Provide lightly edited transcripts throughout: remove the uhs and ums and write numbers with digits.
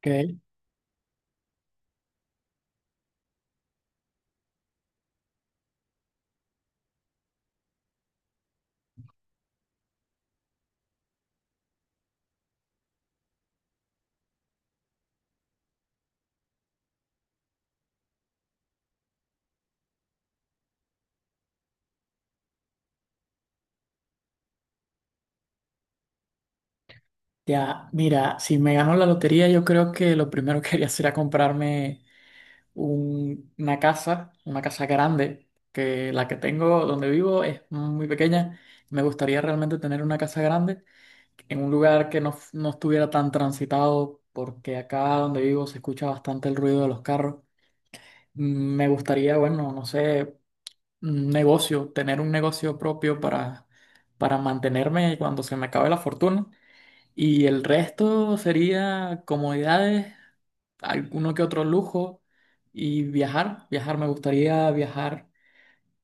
Ok, ya, mira, si me gano la lotería, yo creo que lo primero que haría sería comprarme una casa grande, que la que tengo donde vivo es muy pequeña. Me gustaría realmente tener una casa grande en un lugar que no, no estuviera tan transitado, porque acá donde vivo se escucha bastante el ruido de los carros. Me gustaría, bueno, no sé, un negocio, tener un negocio propio para mantenerme cuando se me acabe la fortuna. Y el resto sería comodidades, alguno que otro lujo y viajar. Viajar, me gustaría viajar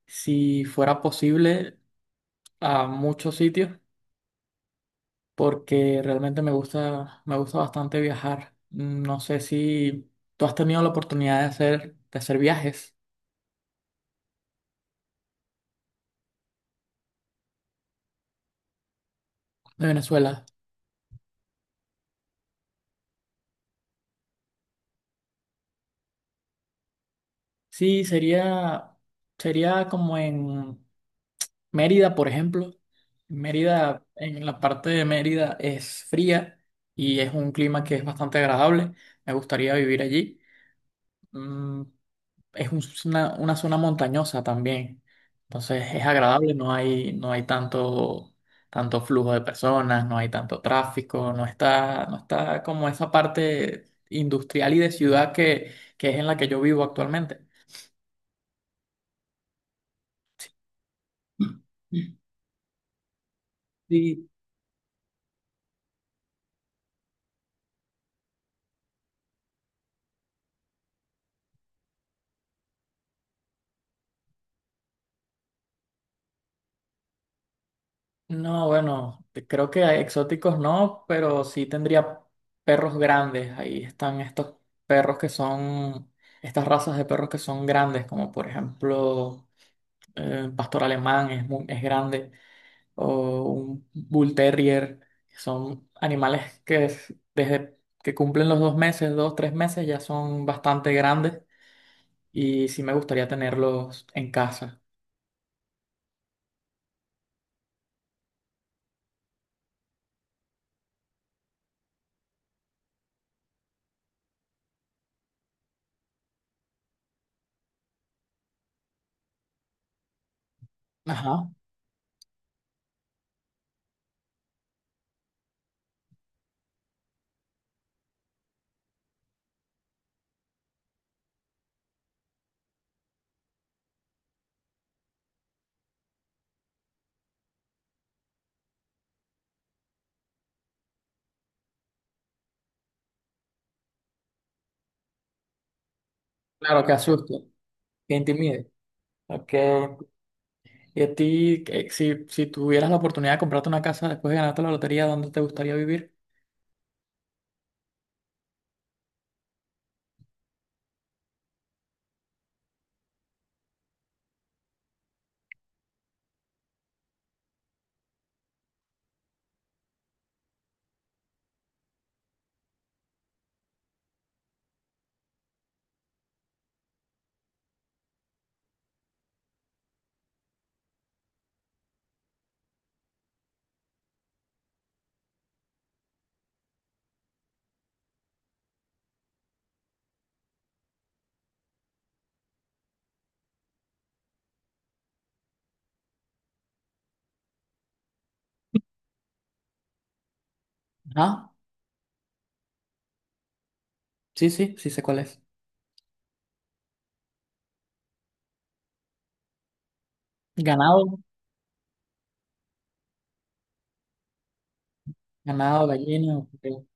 si fuera posible a muchos sitios porque realmente me gusta bastante viajar. No sé si tú has tenido la oportunidad de hacer viajes de Venezuela. Sí, sería como en Mérida, por ejemplo, Mérida, en la parte de Mérida es fría y es un clima que es bastante agradable. Me gustaría vivir allí. Mm, una zona montañosa también. Entonces es agradable, no hay tanto flujo de personas, no hay tanto tráfico, no está como esa parte industrial y de ciudad que es en la que yo vivo actualmente. Sí. No, bueno, creo que hay exóticos no, pero sí tendría perros grandes. Ahí están estos perros que son, estas razas de perros que son grandes, como por ejemplo un pastor alemán es grande, o un bull terrier. Son animales desde que cumplen los dos meses, dos, tres meses, ya son bastante grandes y sí me gustaría tenerlos en casa. Ajá. Claro, que asuste, que intimide. Ok. Y a ti, si tuvieras la oportunidad de comprarte una casa después de ganarte la lotería, ¿dónde te gustaría vivir? Ah, sí, sí, sí sé cuál es. Ganado, ganado, gallina, ok.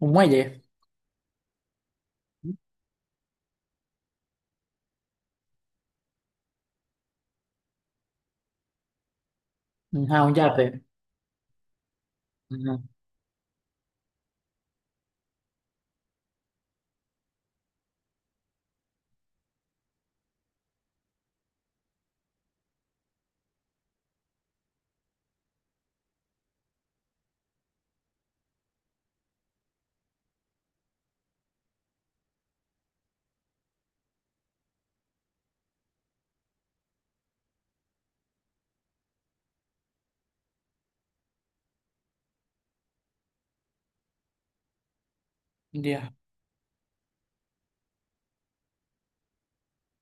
Un muelle, ajá, un yate. Ajá. Ya.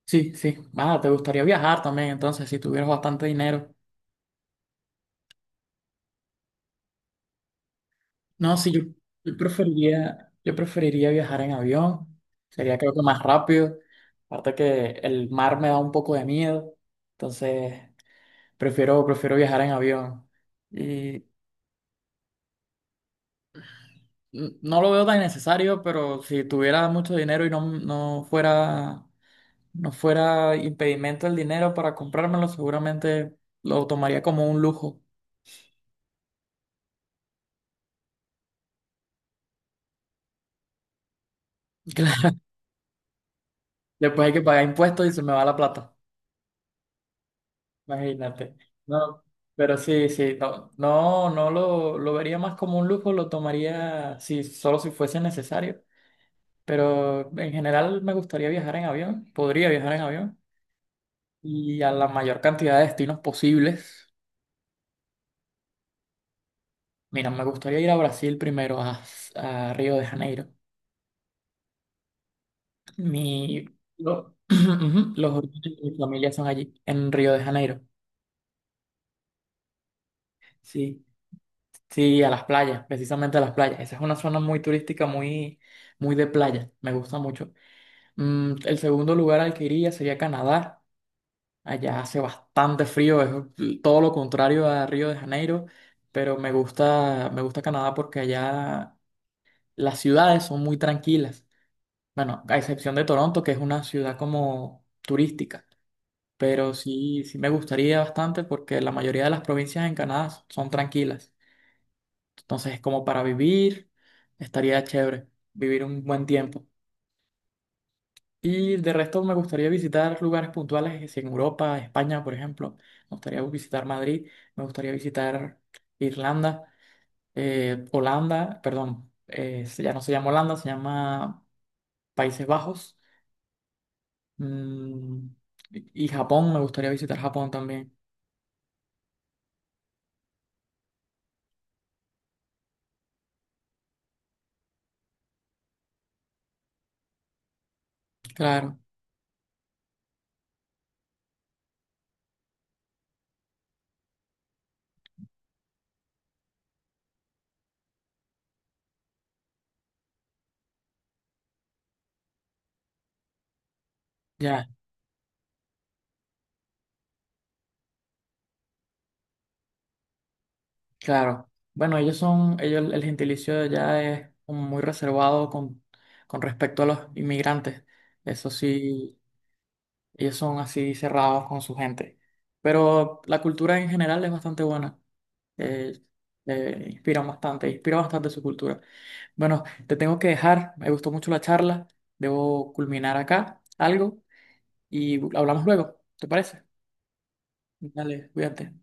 Sí, sí. Ah, te gustaría viajar también, entonces, si tuvieras bastante dinero. No, sí, yo, yo preferiría viajar en avión. Sería creo que más rápido. Aparte que el mar me da un poco de miedo. Entonces, prefiero viajar en avión. Y no lo veo tan necesario, pero si tuviera mucho dinero y no fuera impedimento el dinero para comprármelo, seguramente lo tomaría como un lujo. Claro. Después hay que pagar impuestos y se me va la plata. Imagínate. No, pero sí, sí, no, lo vería más como un lujo, lo tomaría si, solo si fuese necesario. Pero en general me gustaría viajar en avión, podría viajar en avión y a la mayor cantidad de destinos posibles. Mira, me gustaría ir a Brasil primero, a Río de Janeiro. Mi, ujú, los orígenes de mi familia son allí, en Río de Janeiro. Sí, sí, a las playas, precisamente a las playas. Esa es una zona muy turística, muy, muy de playa. Me gusta mucho. El segundo lugar al que iría sería Canadá. Allá hace bastante frío, es todo lo contrario a Río de Janeiro, pero me gusta Canadá porque allá las ciudades son muy tranquilas. Bueno, a excepción de Toronto, que es una ciudad como turística, pero sí, sí me gustaría bastante porque la mayoría de las provincias en Canadá son tranquilas. Entonces, como para vivir, estaría chévere vivir un buen tiempo. Y de resto me gustaría visitar lugares puntuales, es en Europa, España, por ejemplo. Me gustaría visitar Madrid, me gustaría visitar Irlanda, Holanda, perdón, ya no se llama Holanda, se llama Países Bajos. Mm, y Japón, me gustaría visitar Japón también. Claro, ya, claro. Bueno, ellos son, ellos, el gentilicio de allá es como muy reservado con respecto a los inmigrantes. Eso sí, ellos son así cerrados con su gente. Pero la cultura en general es bastante buena. Eh, inspiran bastante, inspira bastante su cultura. Bueno, te tengo que dejar. Me gustó mucho la charla. Debo culminar acá algo y hablamos luego. ¿Te parece? Dale, cuídate.